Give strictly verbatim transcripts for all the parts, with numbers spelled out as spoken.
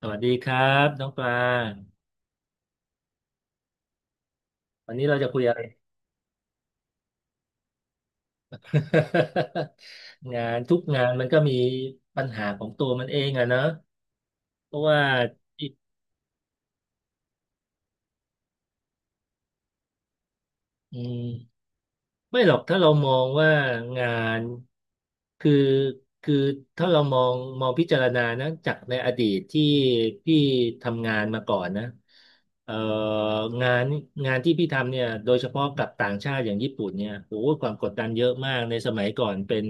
สวัสดีครับน้องปลาวันนี้เราจะคุยอะไร งานทุกงานมันก็มีปัญหาของตัวมันเองอะเนอะเพราะว่าอืม ไม่หรอกถ้าเรามองว่างานคือคือถ้าเรามองมองพิจารณานะจากในอดีตที่พี่ทำงานมาก่อนนะเอ่องานงานที่พี่ทำเนี่ยโดยเฉพาะกับต่างชาติอย่างญี่ปุ่นเนี่ยโอ้โหความกดดันเยอะมากในสมัยก่อนเป็น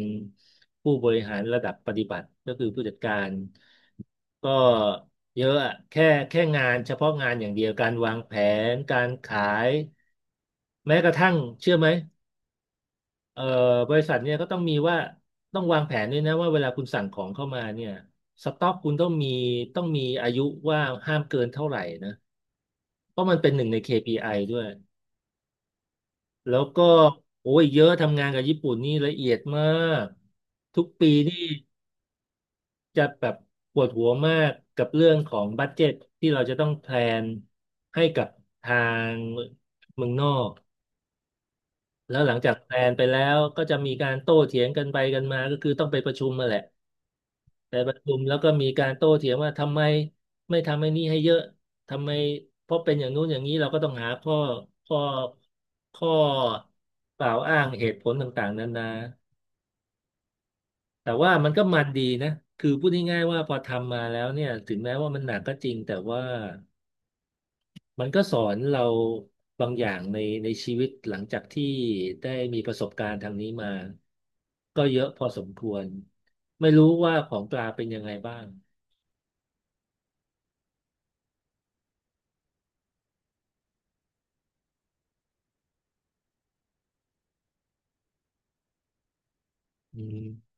ผู้บริหารระดับปฏิบัติก็คือผู้จัดการก็เยอะอะแค่แค่งานเฉพาะงานอย่างเดียวการวางแผนการขายแม้กระทั่งเชื่อไหม เอ่อบริษัทเนี่ยก็ต้องมีว่าต้องวางแผนด้วยนะว่าเวลาคุณสั่งของเข้ามาเนี่ยสต็อกคุณต้องมีต้องมีอายุว่าห้ามเกินเท่าไหร่นะเพราะมันเป็นหนึ่งใน เค พี ไอ ด้วยแล้วก็โอ้ยเยอะทำงานกับญี่ปุ่นนี่ละเอียดมากทุกปีนี่จะแบบปวดหัวมากกับเรื่องของบัดเจ็ตที่เราจะต้องแพลนให้กับทางเมืองนอกแล้วหลังจากแพลนไปแล้วก็จะมีการโต้เถียงกันไปกันมาก็คือต้องไปประชุมมาแหละ ไปประชุมแล้วก็มีการโต้เถียงว่าทำไมไม่ทำไอ้นี่ให้เยอะทำไมเพราะเป็นอย่างนู้นอย่างนี้เราก็ต้องหาข้อข้อข้อกล่าวอ้างเหตุผลต่างๆนานาแต่ว่ามันก็มันดีนะคือพูดง่ายๆว่าพอทำมาแล้วเนี่ยถึงแม้ว่ามันหนักก็จริงแต่ว่ามันก็สอนเราบางอย่างในในชีวิตหลังจากที่ได้มีประสบการณ์ทางนี้มาก็เยอะพอสมควรไม่รู้ว่าของปลาเป็นยังไงบ้างอืม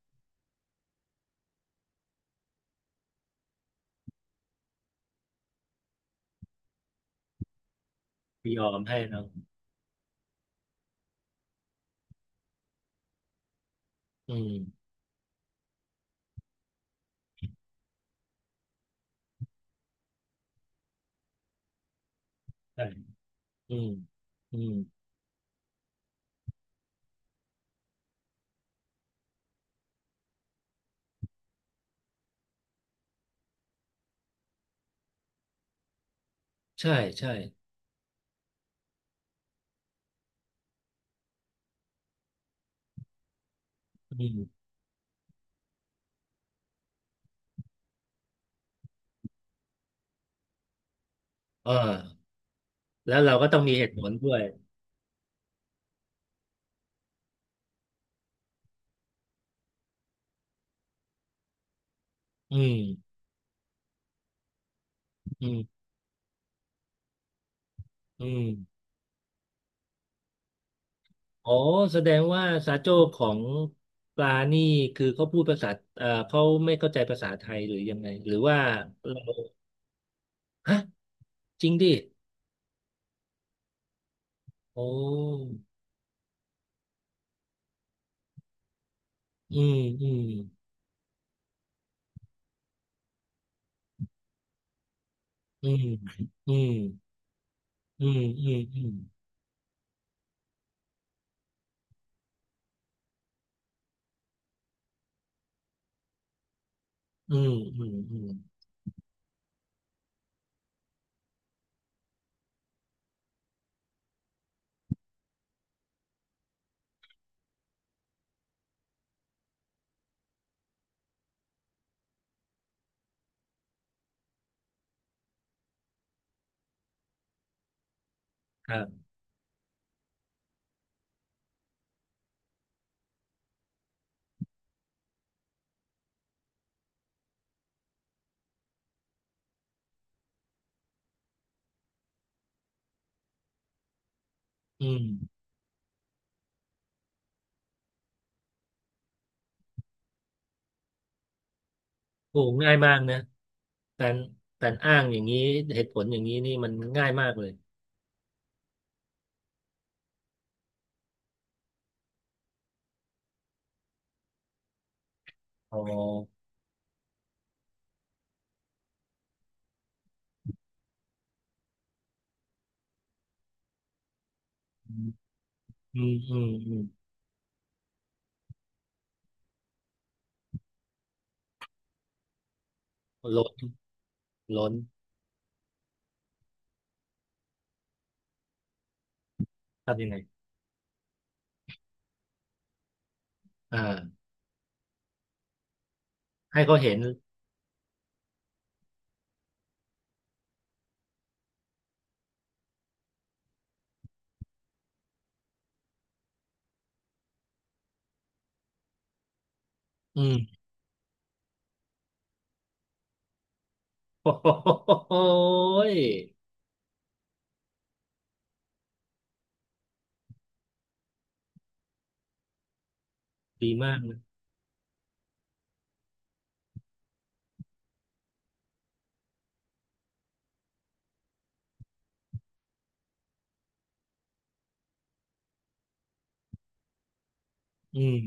ยอมให้เนาะอืมใช่อืมอืมใช่ใช่อืมเออแล้วเราก็ต้องมีเหตุผลด้วยอืมอืมอืมอ๋อแสดงว่าซาโจ้ของปลานี่คือเขาพูดภาษาเอ่อเขาไม่เข้าใจภาษาไทยหรือยังไงหรือว่าเราฮะจริงดิโอ้อืมอืมอืมอืมอืมอืมอืมอืมอืมอืมครับอืม โอ้ง่ายมากนะการการอ้างอย่างนี้เหตุผลอย่างนี้นี่มันง่ายมากเลยอ๋ออืมอืมอืมล้นล้นทำยังไงอ่าให้เขาเห็นอืมโอ้โหยดีมากนะอืม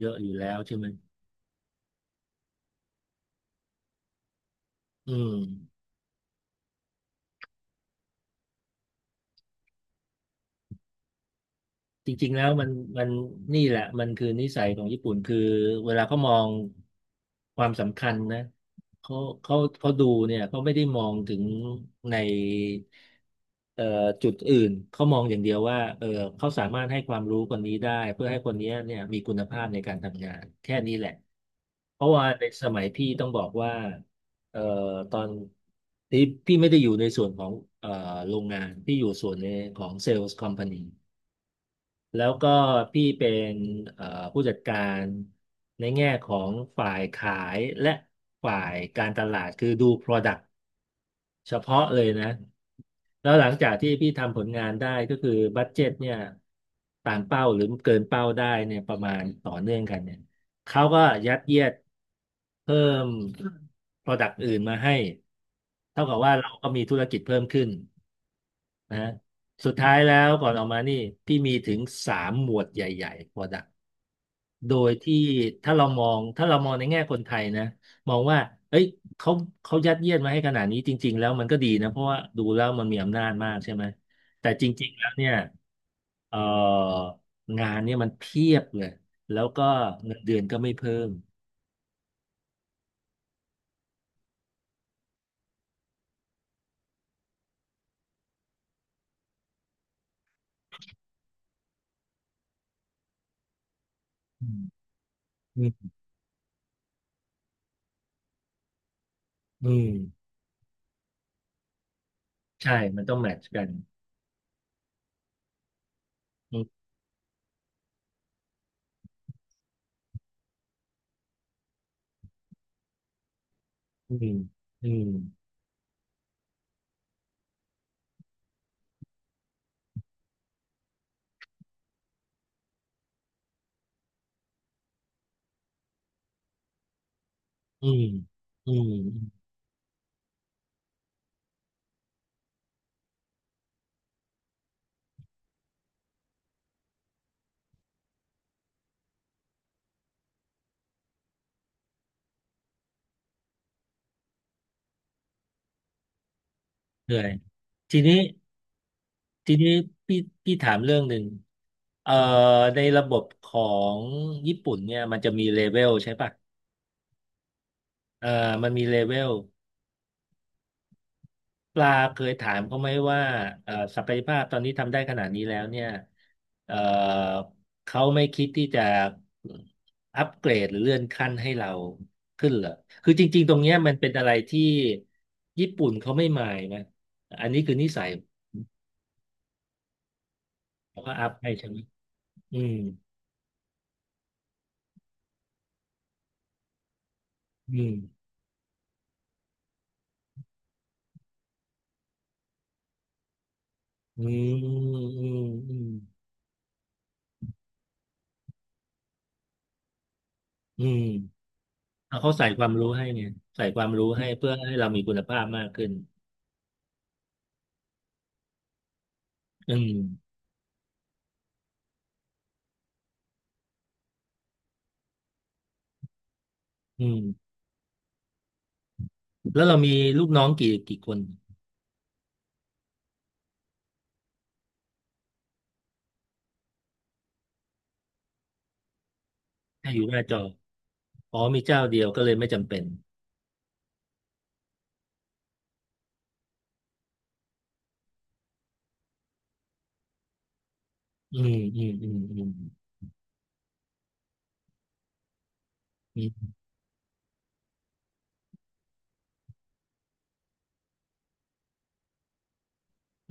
เยอะอยู่แล้วใช่ไหมอืม จริงๆแล้วมันมันนี่แหละมันคือนิสัยของญี่ปุ่นคือเวลาเขามองความสำคัญนะเขาเขาเขาดูเนี่ยเขาไม่ได้มองถึงในเอ่อจุดอื่นเขามองอย่างเดียวว่าเออเขาสามารถให้ความรู้คนนี้ได้เพื่อให้คนนี้เนี่ยมีคุณภาพในการทำงานแค่นี้แหละเพราะว่าในสมัยพี่ต้องบอกว่าเอ่อตอนที่พี่ไม่ได้อยู่ในส่วนของเอ่อโรงงานพี่อยู่ส่วนในของเซลล์คอมพานี แล้วก็พี่เป็นเอ่อผู้จัดการในแง่ของฝ่ายขายและฝ่ายการตลาดคือดู Product เฉพาะเลยนะแล้วหลังจากที่พี่ทำผลงานได้ก็คือบัดเจ็ตเนี่ยตามเป้าหรือเกินเป้าได้เนี่ยประมาณต่อเนื่องกันเนี่ยเขาก็ยัดเยียดเพิ่ม Product อื่นมาให้เท่ากับว่าเราก็มีธุรกิจเพิ่มขึ้น นะฮะสุดท้ายแล้วก่อนออกมานี่พี่มีถึงสามหมวดใหญ่ๆ product โดยที่ถ้าเรามองถ้าเรามองในแง่คนไทยนะมองว่าเอ้ยเขาเขายัดเยียดมาให้ขนาดนี้จริงๆแล้วมันก็ดีนะเพราะว่าดูแล้วมันมีอำนาจมากใช่ไหมแต่จริงๆแล้วเนี่ยเอ่องานเนี่ยมันเพียบเลยแล้วก็เงินเดือนก็ไม่เพิ่มอืมอืมอืมใช่มันต้องแมทช์กันอืมอืมอืมอืมอืม เหนื่อยทีนี้ทีนี้พี่พี่ถามเรื่องหนึ่งเอ่อในระบบของญี่ปุ่นเนี่ยมันจะมีเลเวลใช่ปะเอ่อมันมีเลเวลปลาเคยถามเขาไหมว่าเอ่อศักยภาพตอนนี้ทำได้ขนาดนี้แล้วเนี่ยเอ่อเขาไม่คิดที่จะอัปเกรดหรือเลื่อนขั้นให้เราขึ้นเหรอคือจริงๆตรงเนี้ยมันเป็นอะไรที่ญี่ปุ่นเขาไม่มายนะอันนี้คือนิสัยเขาก็อัพให้ใช่ไหมอืมอืม อืมอืมอืมอืมเเขาใส่ความรู้ให้เนี่ยใส่ความรู้ให้เพื่อให้เรามีคุณภาพมากขึ้นอืมอืมแล้วเรามีลูกน้องกี่กี่คนให้อยู่หน้าจออ๋อมีเจ้าเดียวก็เลยไม่จำเป็นอืมอืมอืมอืมอืม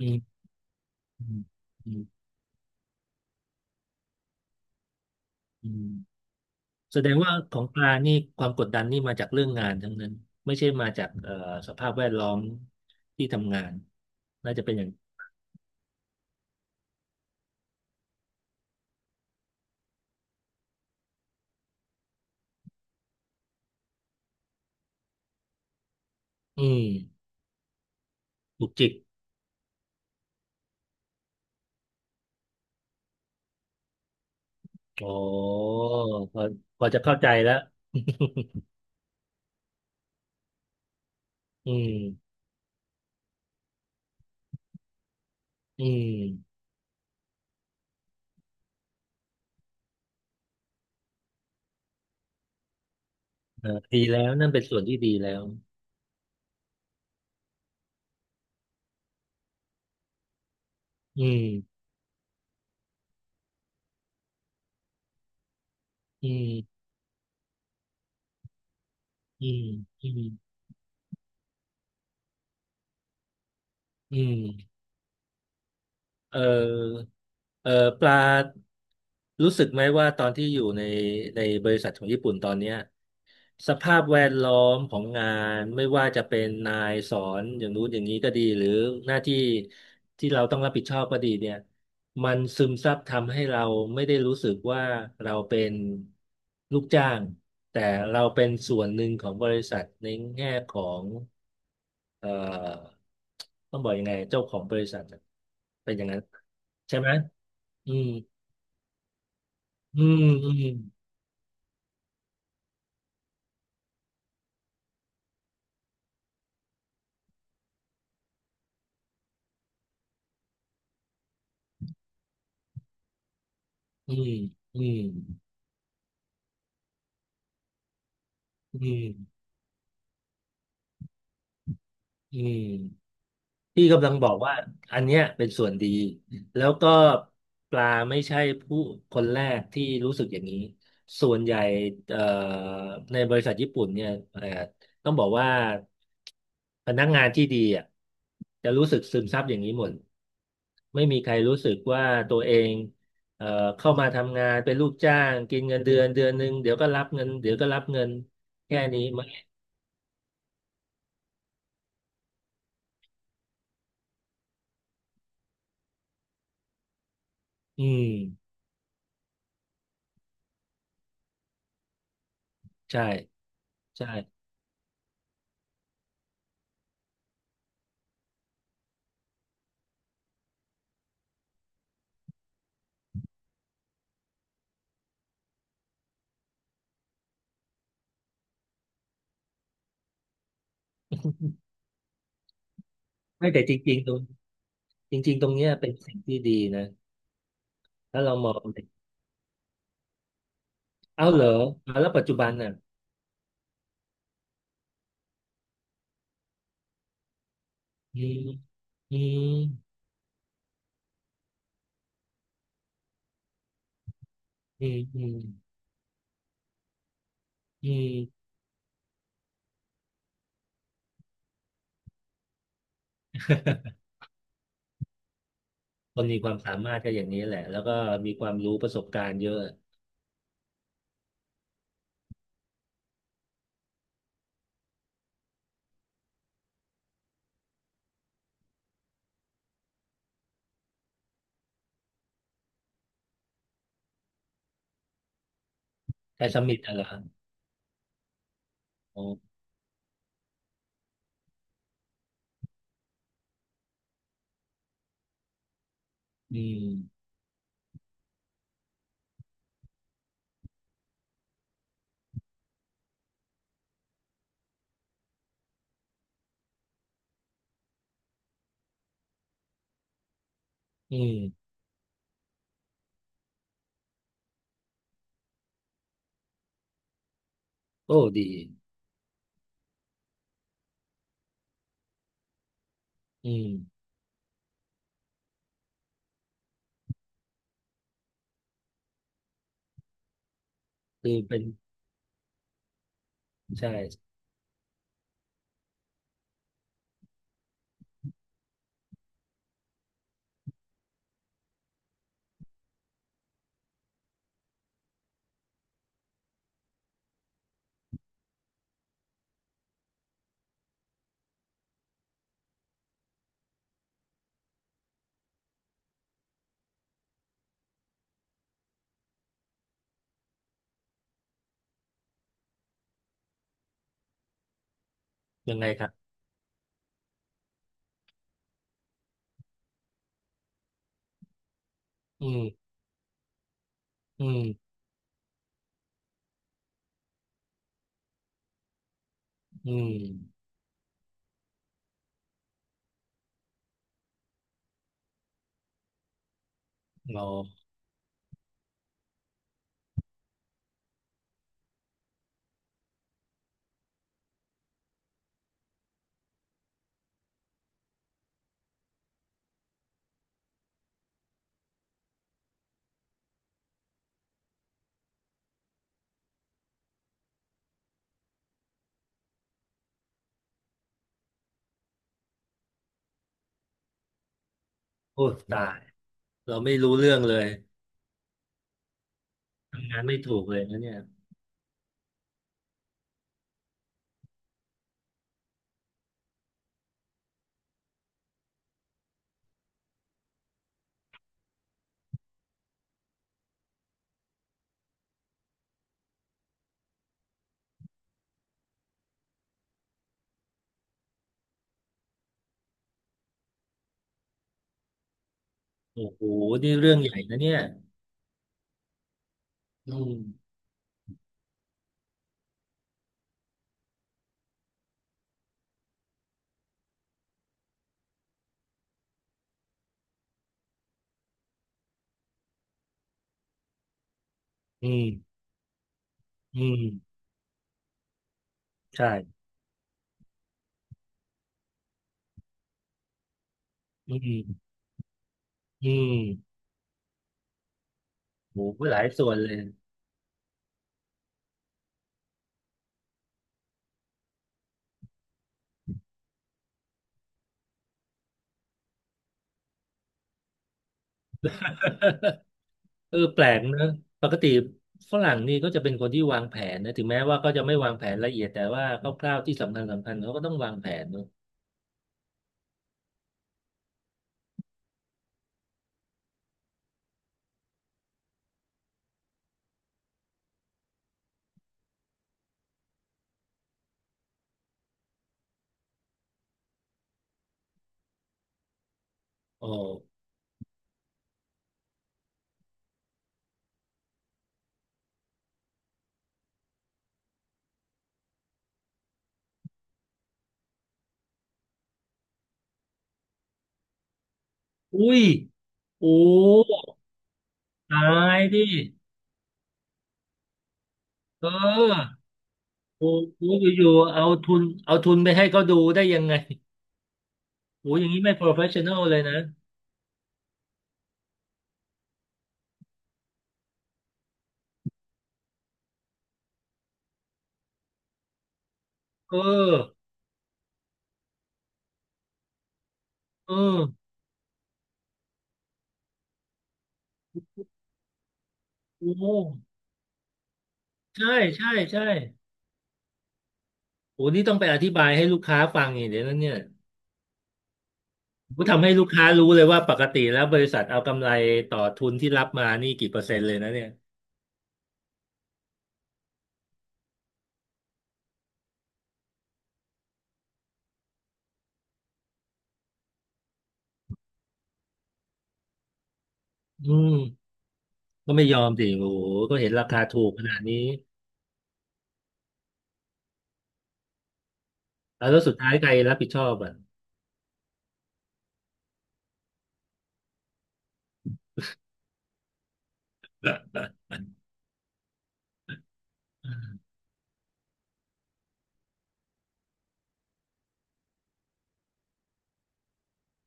อืมอืมอืมอืมแสดงว่าของปลานี่ความกดดันนี่มาจากเรื่องงานทั้งนั้นไม่ใช่มาจากเอ่อสภาพแวดล้อมที่ทำงานน่าจะเป็นอย่างอืมถูกจิก อ๋อพอพอจะเข้าใจแล้ว อืมอืมเออดีแล้วนั่นเป็นส่วนที่ดีแล้วอืมอืมอืมอืมอืมเออเออปลารู้สึกไหมว่าตอนที่อยู่ในในบริษัทของญี่ปุ่นตอนเนี้ย สภาพแวดล้อมของงานไม่ว่าจะเป็นนายสอนอย่างนู้นอย่างนี้ก็ดีหรือหน้าที่ที่เราต้องรับผิดชอบก็ดีเนี่ยมันซึมซับทำให้เราไม่ได้รู้สึกว่าเราเป็นลูกจ้างแต่เราเป็นส่วนหนึ่งของบริษัทในแง่ของเอ่อต้องบอกยังไงเจ้าของบริษัทอะเป็นอย่างนั้นใช่ไหมอืมอืมอืมอืมอืมอืมอืม พี่กำลังบอกว่าอันเนี้ยเป็นส่วนดีแล้วก็ปลาไม่ใช่ผู้คนแรกที่รู้สึกอย่างนี้ส่วนใหญ่เอ่อในบริษัทญี่ปุ่นเนี่ยเอ่อต้องบอกว่าพนักงานที่ดีอ่ะจะรู้สึกซึมซับอย่างนี้หมดไม่มีใครรู้สึกว่าตัวเองเอ่อเข้ามาทำงานเป็นลูกจ้างกินเงินเดือนเดือนหนึ่งเดี๋ยวก็รับเงินเดี๋ยวก็รับเงินแค่นี้มั้งอืมใช่ใช่ไม่แต่จริงๆตรง จริงๆ ตรงเนี้ยเป็นสิ่งที่ดีนะถ้าเรามองเอ้าเหรออ่ะแล้วปัจจุบันน่ะอืมอืมอืมอืมอืมคนมีความสามารถก็อย่างนี้แหละ แล้วก็มีความรู้ประสบการณ์เยอะแต่สมิธอะไรออ๋ออืมอืมโอ้ดีอืมคือเป็นใช่ยังไงครับอืมอืมอืมอ๋อโอ้ตาย เราไม่รู้เรื่องเลยทำงานไม่ถูกเลยนะเนี่ย โอ้โหนี่เรื่องใหญ่นะเนี่ย อืมอืมอืม ใช่อืมอืมโหหลายส่วนเลยเออแปลกนะปกติฝรั่งนี่ก็จะเป็นคนที่วางแผนนะถึงแม้ว่าก็จะไม่วางแผนละเอียด แต่ว่าคร่าวๆที่สำคัญสำคัญเขาก็ต้องวางแผนเนอะอ๋ออุ้ยโอ้ตายดิเออโอ้โหอยู่ๆเอาทุนเอาทุนไปให้เขาดูได้ยังไง โอ้อย่างนี้ไม่ professional เลยนะเออเออโอ้ใช่ใช่ใช่โอ้นี่ต้องไปอธิบายให้ลูกค้าฟังอย่างเดี๋ยวนั้นเนี่ย ก็ทำให้ลูกค้ารู้เลยว่าปกติแล้วบริษัทเอากำไรต่อทุนที่รับมานี่กี่เปอร์เซ็นต์เลยนะเนี่ยอืมก็ไม่ยอมสิโอ้โหก็เห็นราคาถูกขนาดนี้แล้วแล้วสุดท้ายใครรับผิดชอบอ่ะ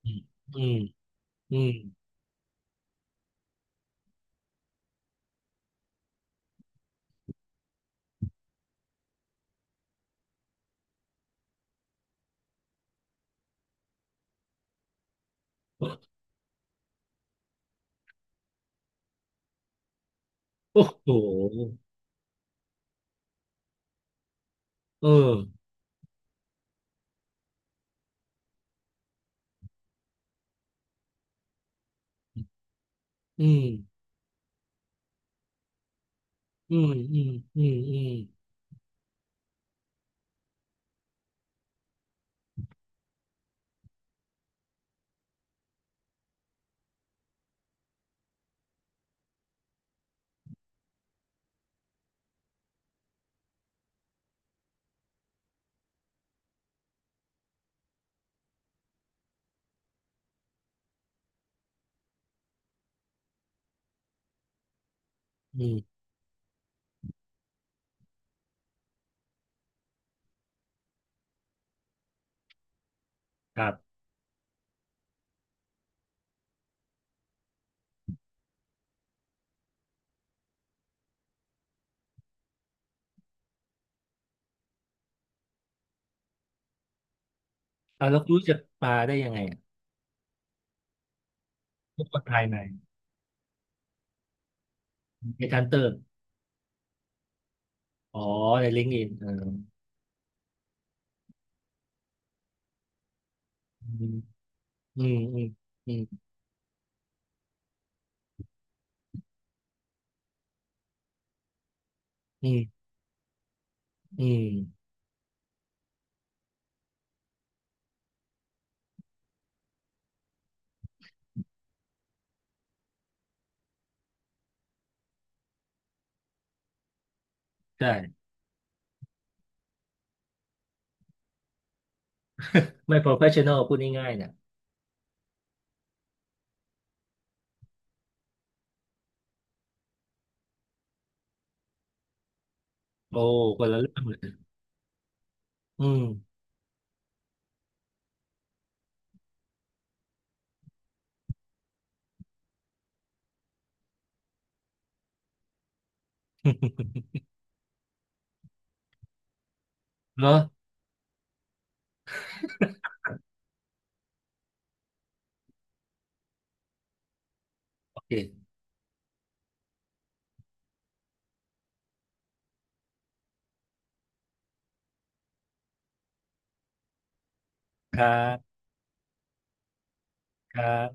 อืมอืมอืมโอ้โหเอออืมอืมอืมอืมอืมอืมครับเอาแล้วรู้จักปลาได้ยังไงอะพวกคนภายในในทั้นเติมอ๋อในลิงก์อินเอออืมอืมอืมอืมอืมอืมใช่ ไม่ professional พูดง่ายๆเนี่ยโอ้คนละเรื่องเลยอืม เนาะโอเคครับครับ